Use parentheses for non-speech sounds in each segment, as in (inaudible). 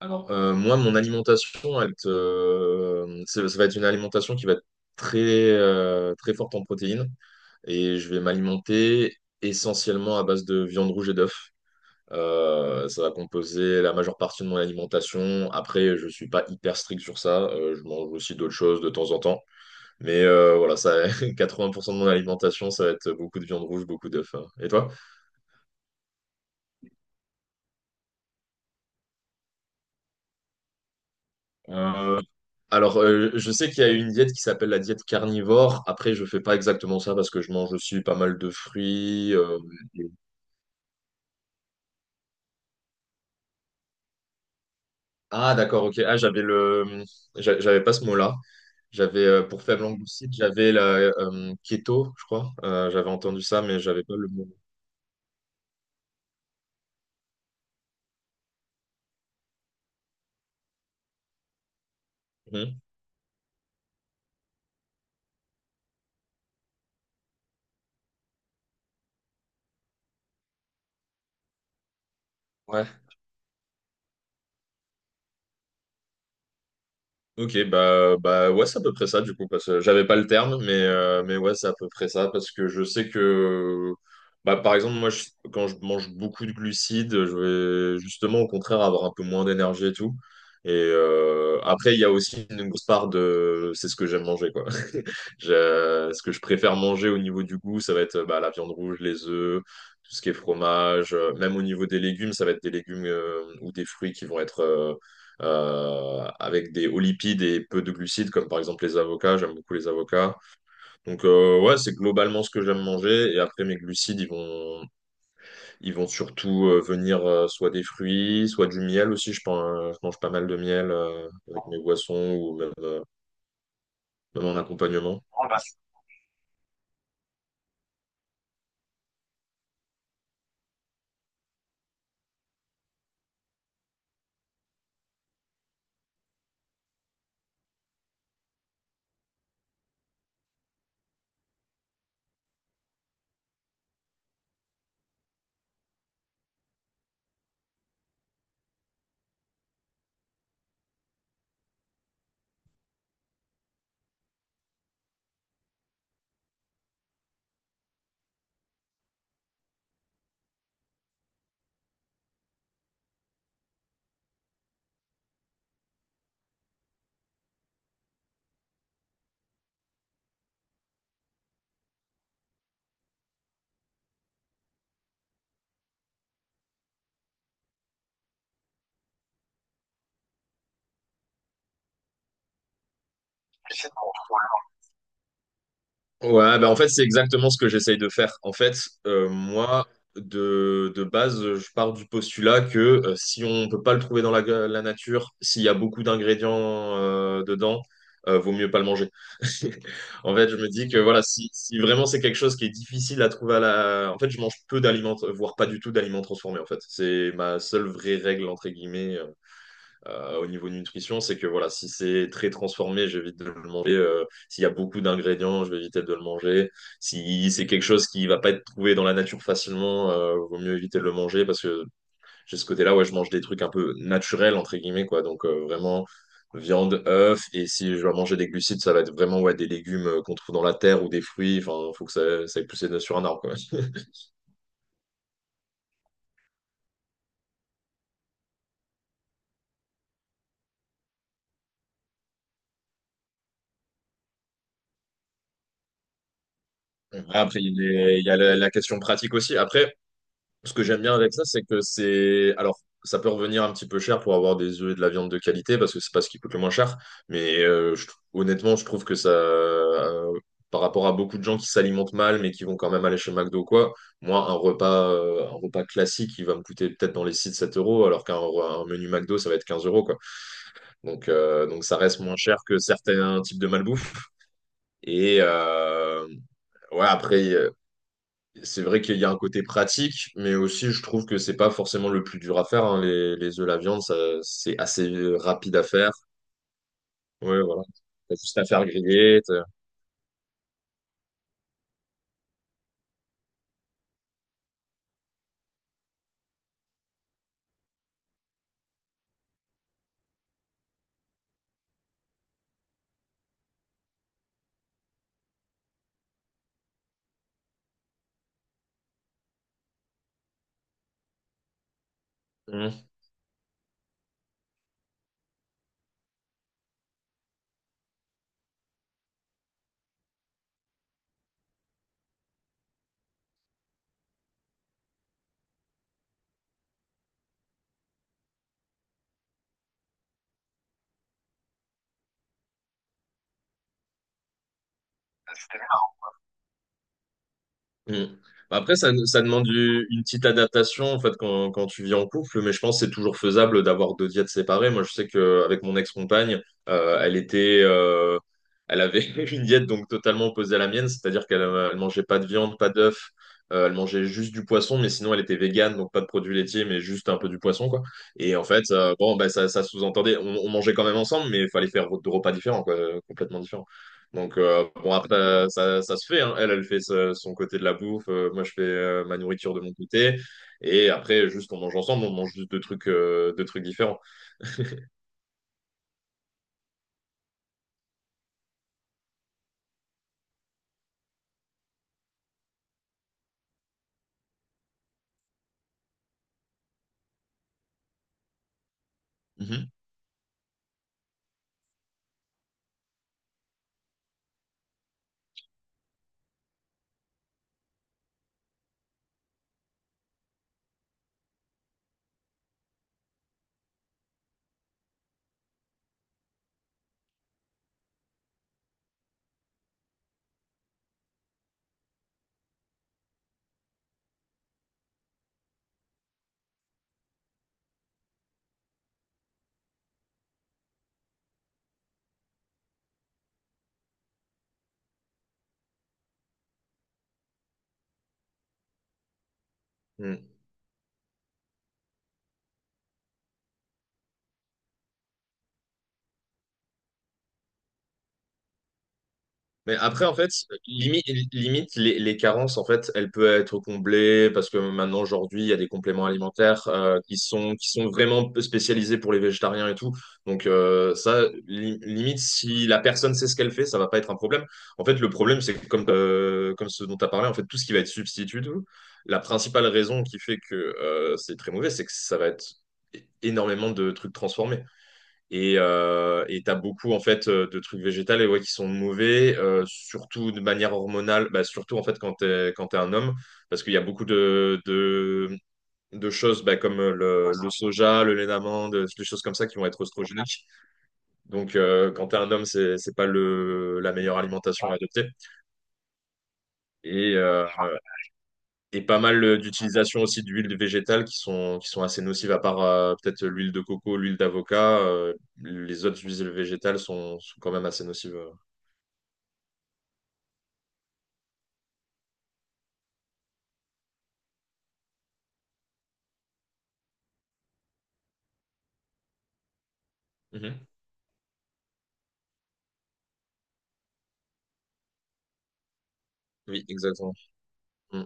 Alors, moi, mon alimentation, ça va être une alimentation qui va être très, très forte en protéines. Et je vais m'alimenter essentiellement à base de viande rouge et d'œufs. Ça va composer la majeure partie de mon alimentation. Après, je suis pas hyper strict sur ça. Je mange aussi d'autres choses de temps en temps. Mais voilà, ça, (laughs) 80% de mon alimentation, ça va être beaucoup de viande rouge, beaucoup d'œufs, hein. Et toi? Alors, je sais qu'il y a une diète qui s'appelle la diète carnivore. Après, je fais pas exactement ça parce que je mange aussi pas mal de fruits. Et- Ah, d'accord, ok. Ah, j'avais le, j'avais pas ce mot-là. J'avais pour faible glucide, j'avais la keto, je crois. J'avais entendu ça, mais j'avais pas le mot. Mhm. Ouais. Ok, bah, bah ouais, c'est à peu près ça du coup, parce que j'avais pas le terme, mais ouais, c'est à peu près ça, parce que je sais que, bah, par exemple, quand je mange beaucoup de glucides, je vais justement au contraire avoir un peu moins d'énergie et tout. Et après, il y a aussi une grosse part de, c'est ce que j'aime manger, quoi. (laughs) Ce que je préfère manger au niveau du goût, ça va être bah, la viande rouge, les œufs, tout ce qui est fromage, même au niveau des légumes, ça va être des légumes ou des fruits qui vont être avec des hauts lipides et peu de glucides, comme par exemple les avocats. J'aime beaucoup les avocats. Donc ouais, c'est globalement ce que j'aime manger. Et après, mes glucides, ils vont surtout venir soit des fruits, soit du miel aussi. Je mange pas mal de miel avec mes boissons ou même, même en accompagnement. Ouais, bah en fait, c'est exactement ce que j'essaye de faire. En fait, moi, de base, je pars du postulat que si on ne peut pas le trouver dans la nature, s'il y a beaucoup d'ingrédients dedans, vaut mieux pas le manger. (laughs) En fait, je me dis que voilà, si vraiment c'est quelque chose qui est difficile à trouver. En fait, je mange peu d'aliments, voire pas du tout d'aliments transformés, en fait. C'est ma seule vraie règle, entre guillemets. Au niveau nutrition, c'est que voilà, si c'est très transformé, j'évite de le manger. S'il y a beaucoup d'ingrédients, je vais éviter de le manger. Si c'est quelque chose qui va pas être trouvé dans la nature facilement, vaut mieux éviter de le manger parce que j'ai ce côté-là, ouais, je mange des trucs un peu naturels, entre guillemets, quoi. Donc vraiment viande, œufs, et si je dois manger des glucides, ça va être vraiment ouais, des légumes qu'on trouve dans la terre ou des fruits. Enfin, faut que ça ait poussé sur un arbre, quoi. (laughs) Après, il y a la question pratique aussi. Après, ce que j'aime bien avec ça, c'est que c'est. Alors, ça peut revenir un petit peu cher pour avoir des œufs et de la viande de qualité, parce que c'est pas ce qui coûte le moins cher. Mais honnêtement, je trouve que ça. Par rapport à beaucoup de gens qui s'alimentent mal, mais qui vont quand même aller chez McDo ou quoi, moi, un repas classique, il va me coûter peut-être dans les 6 7 euros, alors qu'un menu McDo, ça va être 15 euros, quoi. Donc, donc ça reste moins cher que certains types de malbouffe. Et. euh, Ouais, après. C'est vrai qu'il y a un côté pratique, mais aussi je trouve que c'est pas forcément le plus dur à faire, hein. Les œufs, la viande, ça, c'est assez rapide à faire. Ouais, voilà. T'as juste à faire griller. t'as- Mm. Bah, après, ça demande une petite adaptation en fait quand tu vis en couple, mais je pense que c'est toujours faisable d'avoir deux diètes séparées. Moi, je sais qu'avec mon ex-compagne, euh, elle était, euh, elle avait (laughs) une diète donc totalement opposée à la mienne, c'est-à-dire qu'elle elle mangeait pas de viande, pas d'œufs, elle mangeait juste du poisson, mais sinon elle était végane, donc pas de produits laitiers, mais juste un peu du poisson quoi. Et en fait, bon, bah, ça sous-entendait, on mangeait quand même ensemble, mais il fallait faire deux repas différents quoi, complètement différents. Donc, bon, après, ça se fait, hein. Elle fait son côté de la bouffe. Moi, je fais ma nourriture de mon côté. Et après, juste, on mange ensemble. On mange juste deux trucs différents. Mhm. Mais après, en fait, limi- limite, les carences, en fait, elles peuvent être comblées parce que maintenant, aujourd'hui, il y a des compléments alimentaires qui sont vraiment spécialisés pour les végétariens et tout. Donc, ça, limite, si la personne sait ce qu'elle fait, ça va pas être un problème. En fait, le problème, c'est que comme ce dont tu as parlé, en fait, tout ce qui va être substitut, tout, la principale raison qui fait que c'est très mauvais, c'est que ça va être énormément de trucs transformés. Et t'as beaucoup en fait de trucs végétales et ouais, qui sont mauvais, surtout de manière hormonale, bah, surtout en fait quand t'es un homme, parce qu'il y a beaucoup de choses bah, comme le soja, le lait d'amande, des choses comme ça qui vont être oestrogéniques. Donc quand t'es un homme, c'est pas le la meilleure alimentation à adopter. Et euh, et pas mal d'utilisation aussi d'huiles végétales qui sont assez nocives, à part peut-être l'huile de coco, l'huile d'avocat. Les autres huiles végétales sont quand même assez nocives. Mhm. Oui, exactement. Mm.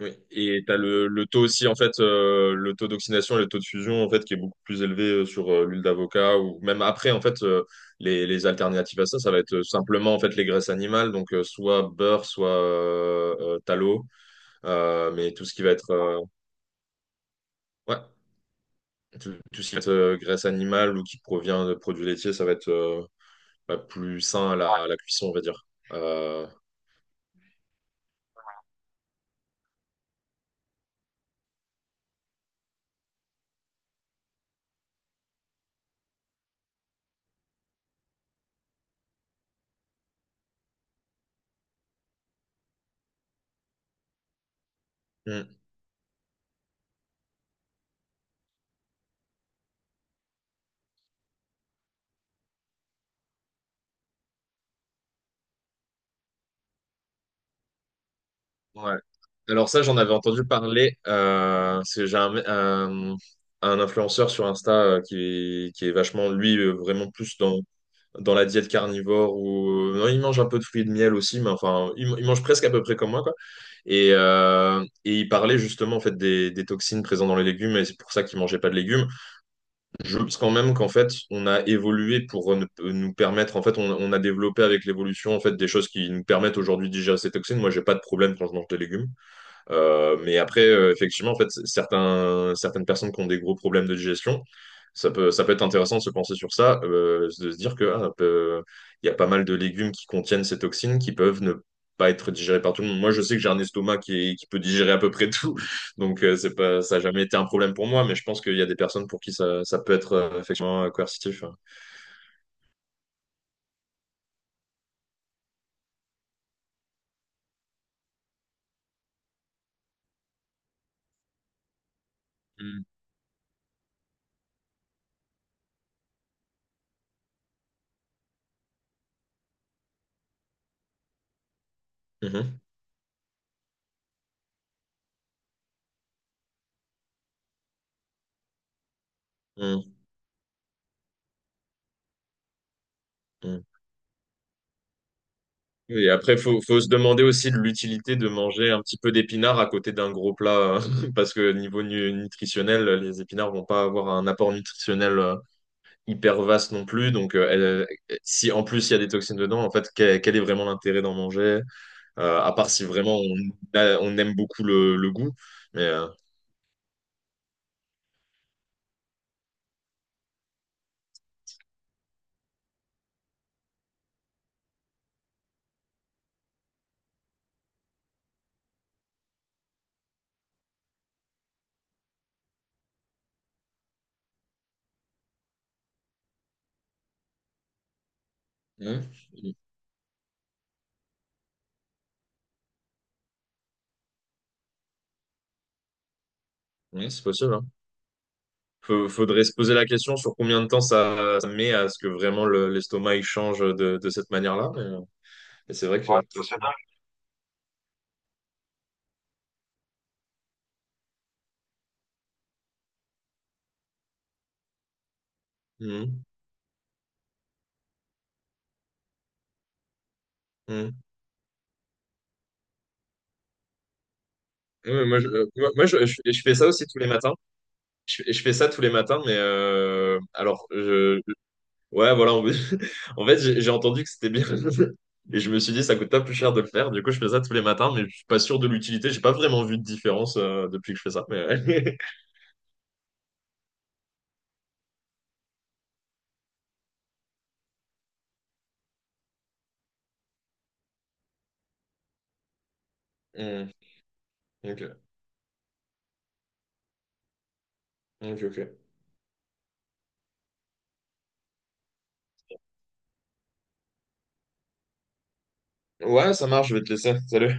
Oui. Et tu as le taux aussi, en fait, le taux d'oxydation et le taux de fusion, en fait, qui est beaucoup plus élevé sur l'huile d'avocat ou même après, en fait, les alternatives à ça, ça va être simplement, en fait, les graisses animales, donc soit beurre, soit tallow, mais tout ce qui va être. Ouais. Tout ce qui va être graisse animale ou qui provient de produits laitiers, ça va être bah, plus sain à la cuisson, on va dire. Euh, hmm, ouais. Alors ça, j'en avais entendu parler. Parce que j'ai un, un influenceur sur Insta qui est vachement, lui, vraiment plus dans la diète carnivore. Non, il mange un peu de fruits et de miel aussi, mais enfin, il mange presque à peu près comme moi, quoi. Et il parlait justement en fait des toxines présentes dans les légumes, et c'est pour ça qu'il mangeait pas de légumes. Je pense quand même qu'en fait, on a évolué pour nous permettre, en fait, on a développé avec l'évolution, en fait, des choses qui nous permettent aujourd'hui de digérer ces toxines. Moi, j'ai pas de problème quand je mange des légumes. Mais après, effectivement, en fait, certaines personnes qui ont des gros problèmes de digestion, ça peut être intéressant de se penser sur ça, de se dire que ah, il y a pas mal de légumes qui contiennent ces toxines qui peuvent ne pas être digérées par tout le monde. Moi, je sais que j'ai un estomac qui peut digérer à peu près tout, (laughs) donc c'est pas, ça n'a jamais été un problème pour moi, mais je pense qu'il y a des personnes pour qui ça peut être effectivement coercitif. Mhm. Mhm. Mhm. Oui. Et après, faut se demander aussi de l'utilité de manger un petit peu d'épinards à côté d'un gros plat, (laughs) parce que niveau nutritionnel, les épinards vont pas avoir un apport nutritionnel hyper vaste non plus. Donc, si en plus il y a des toxines dedans, en fait, quel est vraiment l'intérêt d'en manger? À part si vraiment on aime beaucoup le goût. Mais ouais, ouais, c'est possible, hein. Faudrait se poser la question sur combien de temps ça met à ce que vraiment l'estomac il change de cette manière-là. Mais c'est vrai que. Ouais. Mhm. Mm. Ouais, moi, je fais ça aussi tous les matins. Je fais ça tous les matins, mais alors, ouais, voilà. (laughs) En fait, j'ai entendu que c'était bien. (laughs) Et je me suis dit, ça coûte pas plus cher de le faire. Du coup, je fais ça tous les matins, mais je suis pas sûr de l'utilité. J'ai pas vraiment vu de différence depuis que je fais ça. Mais ouais. (laughs) Mm. Ok, ok, ok. Ouais, ça marche, je vais te laisser. Salut.